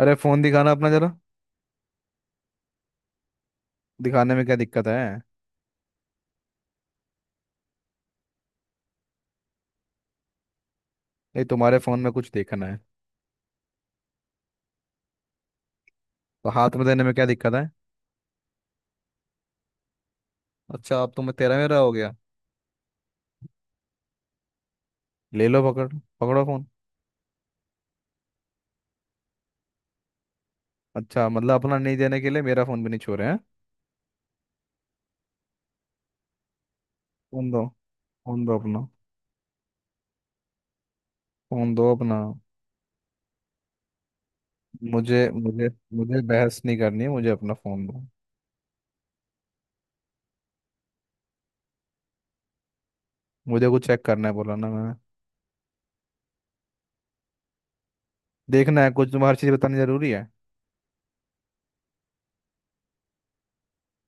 अरे फोन दिखाना अपना जरा। दिखाने में क्या दिक्कत है? नहीं, तुम्हारे फोन में कुछ देखना है। तो हाथ में देने में क्या दिक्कत है? अच्छा, अब तो मैं तेरा मेरा हो गया। ले लो, पकड़। पकड़ो फोन। अच्छा मतलब अपना नहीं देने के लिए मेरा फोन भी नहीं छोड़े हैं। फोन दो। फोन दो अपना। फोन दो अपना। मुझे मुझे मुझे बहस नहीं करनी है, मुझे अपना फोन दो। मुझे कुछ चेक करना है, बोला ना मैंने। देखना है कुछ। तुम्हें हर चीज बतानी जरूरी है?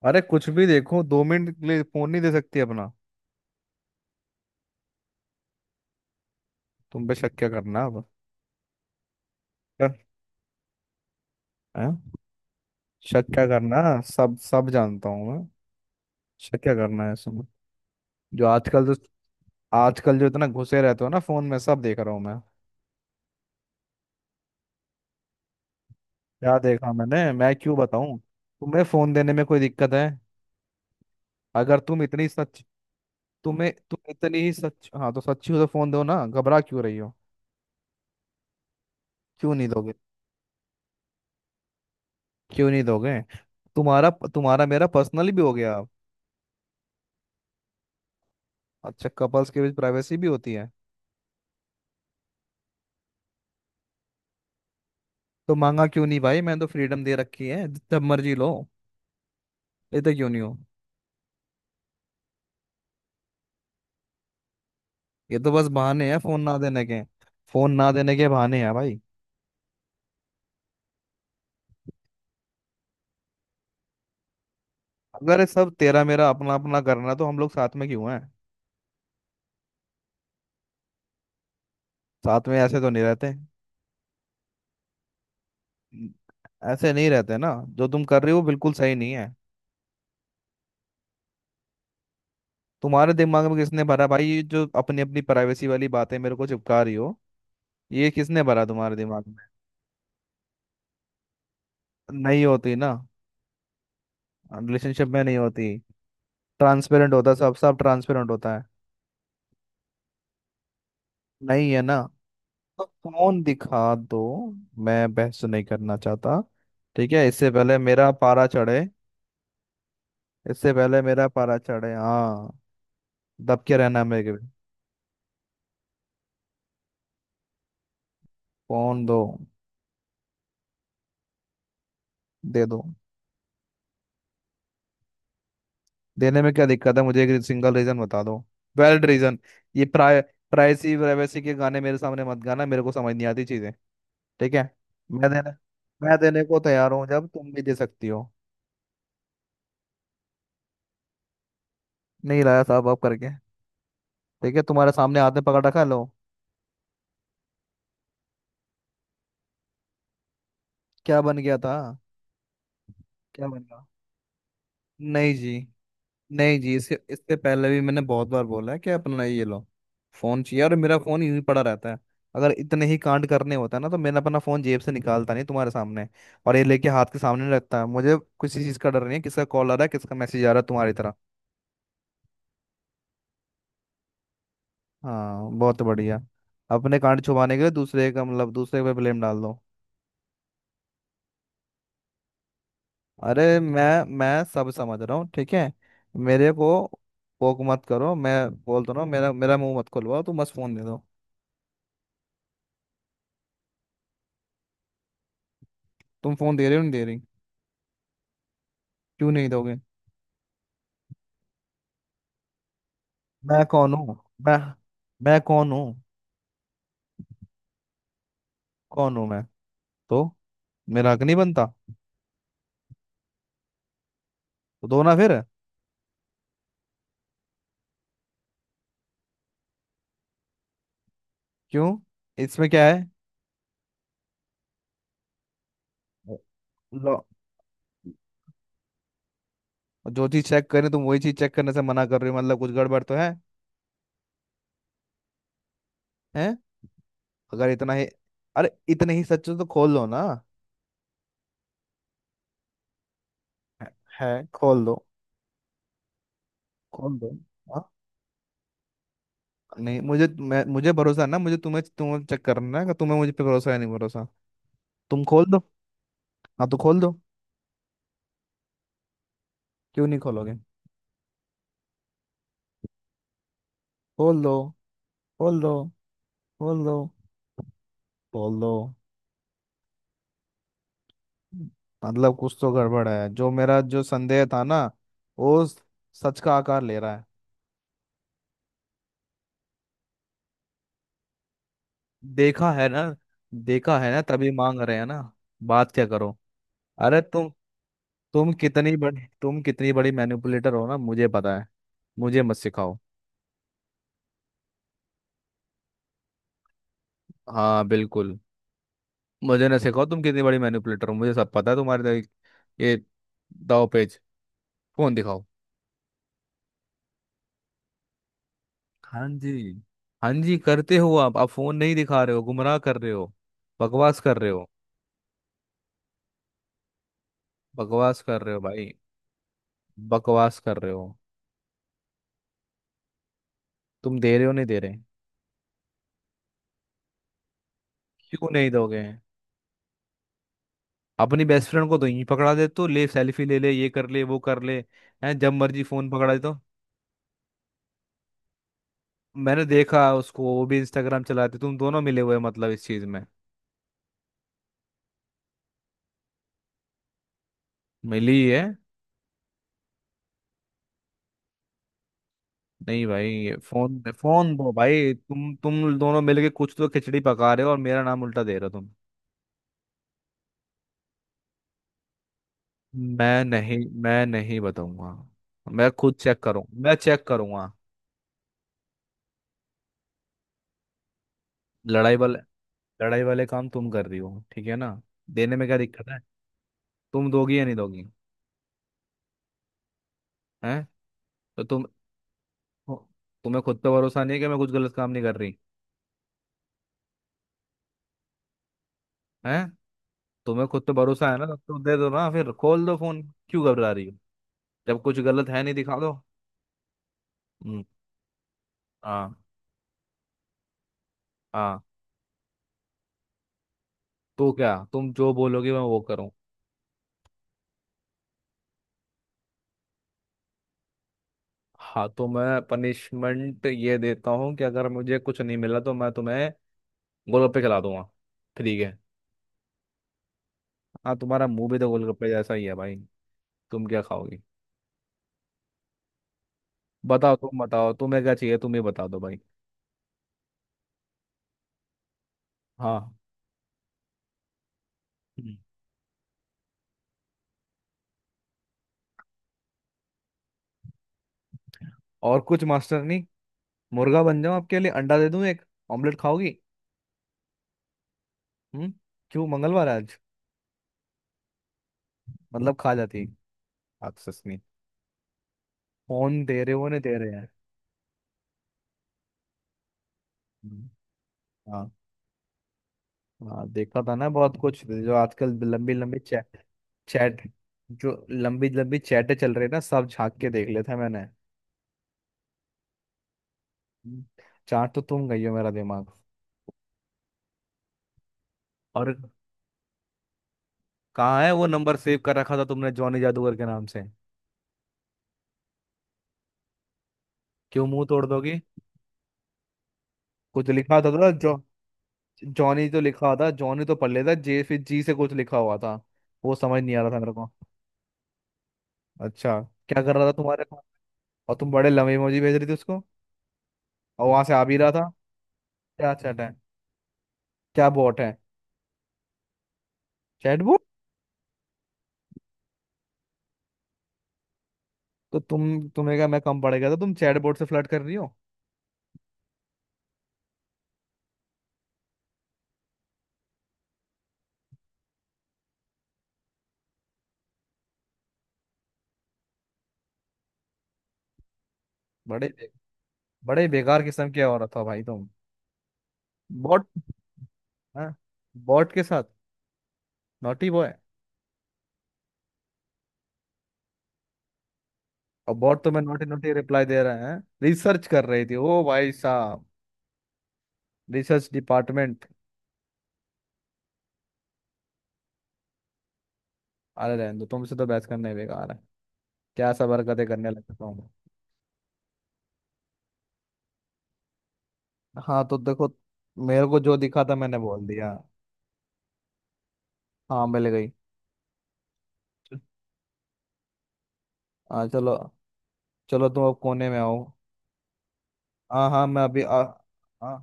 अरे कुछ भी देखो, दो मिनट के लिए फोन नहीं दे सकती अपना? तुम पे शक क्या करना अब। हैं? शक क्या करना है, सब सब जानता हूँ मैं। शक क्या करना है इसमें। जो आजकल जो आजकल जो इतना घुसे रहते हो ना फोन में, सब देख रहा हूँ मैं। क्या देखा मैंने? मैं क्यों बताऊँ तुम्हें? फोन देने में कोई दिक्कत है? अगर तुम इतनी सच तुम्हें तुम इतनी ही सच हाँ, तो सच्ची हो तो फोन दो ना, घबरा क्यों रही हो? क्यों नहीं दोगे? क्यों नहीं दोगे? तुम्हारा तुम्हारा मेरा पर्सनल भी हो गया अब? अच्छा, कपल्स के बीच प्राइवेसी भी होती है? तो मांगा क्यों नहीं भाई? मैंने तो फ्रीडम दे रखी है, जब मर्जी लो। लेते क्यों नहीं हो? ये तो बस बहाने हैं फोन ना देने के। फोन ना देने के बहाने हैं भाई। अगर ये सब तेरा मेरा अपना अपना करना है, तो हम लोग साथ में क्यों हैं? साथ में ऐसे तो नहीं रहते। ऐसे नहीं रहते ना। जो तुम कर रहे हो बिल्कुल सही नहीं है। तुम्हारे दिमाग में किसने भरा भाई? ये जो अपनी अपनी प्राइवेसी वाली बातें मेरे को चिपका रही हो, ये किसने भरा तुम्हारे दिमाग में? नहीं होती ना। रिलेशनशिप में नहीं होती। ट्रांसपेरेंट होता, सब सब ट्रांसपेरेंट होता है। नहीं है ना, तो फोन दिखा दो। मैं बहस नहीं करना चाहता। ठीक है, इससे पहले मेरा पारा चढ़े। इससे पहले मेरा पारा चढ़े, हाँ। दब के रहना मेरे को। फोन दो। दे दो। देने में क्या दिक्कत है? मुझे एक सिंगल रीजन बता दो, वैलिड रीजन। ये प्राय प्राइसी प्राइवेसी के गाने मेरे सामने मत गाना, मेरे को समझ नहीं आती चीजें, ठीक है? मैं देने मैं देने को तैयार हूँ, जब तुम भी दे सकती हो। नहीं लाया साहब, आप करके। ठीक है, तुम्हारे सामने हाथ में पकड़ रखा, लो। क्या बन गया था? क्या बन गया? नहीं जी। नहीं जी, इसके इससे पहले भी मैंने बहुत बार बोला है कि अपना ये लो, फोन चाहिए, और मेरा फोन यूं ही पड़ा रहता है। अगर इतने ही कांड करने होता है ना, तो मैंने अपना फोन जेब से निकालता नहीं तुम्हारे सामने, और ये लेके हाथ के सामने नहीं रखता है। मुझे किसी चीज का डर नहीं है, किसका कॉल आ रहा है, किसका मैसेज आ रहा है, तुम्हारी तरह। हाँ, बहुत बढ़िया। अपने कांड छुपाने के लिए दूसरे का मतलब दूसरे पे ब्लेम डाल दो। अरे मैं सब समझ रहा हूँ, ठीक है? मेरे को पोक मत करो। मैं बोल तो रहा हूँ, मेरा मेरा मुंह मत खुलवाओ तुम, बस फोन दे दो। तुम फोन दे रहे हो नहीं दे रही? क्यों नहीं दोगे? मैं कौन हूँ? मैं मैं कौन हूँ? कौन हूँ मैं? तो मेरा हक नहीं बनता? तो दो ना फिर। क्यों? इसमें क्या है? लो- जो चीज चेक करें तुम वही चीज चेक करने से मना कर रहे हो, मतलब कुछ गड़बड़ तो है। हैं? अगर इतना ही, अरे इतने ही सच हो तो खोल लो ना। है। है, खोल दो। खोल दो। हाँ, नहीं मुझे भरोसा है ना, मुझे तुम्हें तुम्हें चेक करना है कि तुम्हें मुझे पे भरोसा है नहीं भरोसा। तुम खोल दो। हाँ तो खोल दो। क्यों नहीं खोलोगे? खोल दो। खोल दो। खोल दो। खोल दो। मतलब कुछ तो गड़बड़ है, जो मेरा जो संदेह था ना, वो स- सच का आकार ले रहा है। देखा है ना, देखा है ना, तभी मांग रहे हैं ना। बात क्या करो? अरे तुम, तुम कितनी बड़ी मैनिपुलेटर हो ना, मुझे पता है। मुझे मत सिखाओ। हाँ, बिल्कुल। मुझे ना सिखाओ, तुम कितनी बड़ी मैनिपुलेटर हो, मुझे सब पता है। तुम्हारे दाव- ये दाव पेच। फोन दिखाओ। हाँ जी। हाँ जी करते हो आप। फोन नहीं दिखा रहे हो, गुमराह कर रहे हो, बकवास कर रहे हो। बकवास कर रहे हो भाई। बकवास कर रहे हो। तुम दे रहे हो नहीं दे रहे? क्यों नहीं दोगे? अपनी बेस्ट फ्रेंड को तो यहीं पकड़ा दे, तो ले सेल्फी ले ले, ये कर ले वो कर ले। हैं? जब मर्जी फोन पकड़ा दे तो। मैंने देखा उसको, वो भी इंस्टाग्राम चलाते, तुम दोनों मिले हुए हैं, मतलब इस चीज में। मिली है। नहीं भाई, ये फोन फोन दो भाई। तुम दोनों मिलके कुछ तो खिचड़ी पका रहे हो, और मेरा नाम उल्टा दे रहे हो तुम। मैं नहीं मैं नहीं बताऊंगा। मैं खुद चेक करूँ, मैं चेक करूंगा। लड़ाई वाल लड़ाई वाले काम तुम कर रही हो, ठीक है ना? देने में क्या दिक्कत है? तुम दोगी या नहीं दोगी? हैं? तो तुम, तुम्हें खुद पे भरोसा नहीं है कि मैं कुछ गलत काम नहीं कर रही? हैं? तुम्हें खुद पे भरोसा है ना, तो दे दो ना फिर, खोल दो फोन। क्यों घबरा रही हो? जब कुछ गलत है नहीं, दिखा दो। हम्म, हाँ। हाँ तो क्या, तुम जो बोलोगे मैं वो करूँ? हाँ तो मैं पनिशमेंट ये देता हूँ कि अगर मुझे कुछ नहीं मिला तो मैं तुम्हें गोलगप्पे खिला दूंगा, ठीक है? हाँ, तुम्हारा मुंह भी तो गोलगप्पे जैसा ही है भाई। तुम क्या खाओगे? बताओ तुम, बताओ तुम्हें क्या चाहिए, तुम ही बता दो भाई। हाँ। हम्म। और कुछ मास्टर नहीं? मुर्गा बन जाऊं आपके लिए, अंडा दे दूं एक? ऑमलेट खाओगी? हम्म। क्यों, मंगलवार है आज? मतलब खा जाती, एक्सेस नहीं? फोन दे रहे हो नहीं दे रहे हैं? हम्म, हाँ। हाँ देखा था ना, बहुत कुछ जो आजकल लंबी लंबी चैट। चैट, जो लंबी लंबी चैटें चल रही है ना, सब झांक के देख लेता है मैंने। हम्म, चाट तो तुम गई हो मेरा दिमाग। और कहाँ है वो नंबर सेव कर रखा था तुमने, जॉनी जादूगर के नाम से? क्यों मुंह तोड़ दोगी? कुछ लिखा था जो। जॉनी तो लिखा था, जॉनी तो पढ़ लेता। जे, फिर जी से कुछ लिखा हुआ था, वो समझ नहीं आ रहा था मेरे को। अच्छा, क्या कर रहा था तुम्हारे को? और तुम बड़े लंबे इमोजी भेज रही थी उसको, और वहां से आ भी रहा था। क्या चैट है? क्या बोट है? चैटबॉट? तो तुम, तुम्हें क्या मैं कम पड़ गया था? तुम चैटबॉट से फ्लर्ट कर रही हो? बड़े बे- बड़े बेकार किस्म के औरत हो भाई तुम। बॉट? हाँ, बॉट के साथ। Naughty boy. और बॉट तुम्हें नॉटी नॉटी रिप्लाई दे रहे हैं? रिसर्च कर रही थी, ओ भाई साहब? Research department! अरे रहने दो, तुमसे तो बहस करने ही बेकार है। क्या सब हरकतें करने लगता हूँ। हाँ तो देखो, मेरे को जो दिखा था मैंने बोल दिया। हाँ, मिल गई। हाँ चलो। चलो तुम अब कोने में आओ। हाँ हाँ, मैं अभी आ, आ,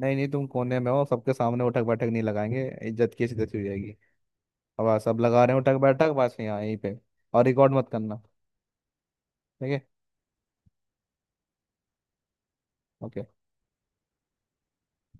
नहीं नहीं, तुम कोने में हो, सबके सामने उठक बैठक नहीं लगाएंगे, इज्जत की इज्जत हो जाएगी। अब आप सब लगा रहे हो उठक बैठक, बस यहाँ यहीं पे। और रिकॉर्ड मत करना, ठीक है? ओके।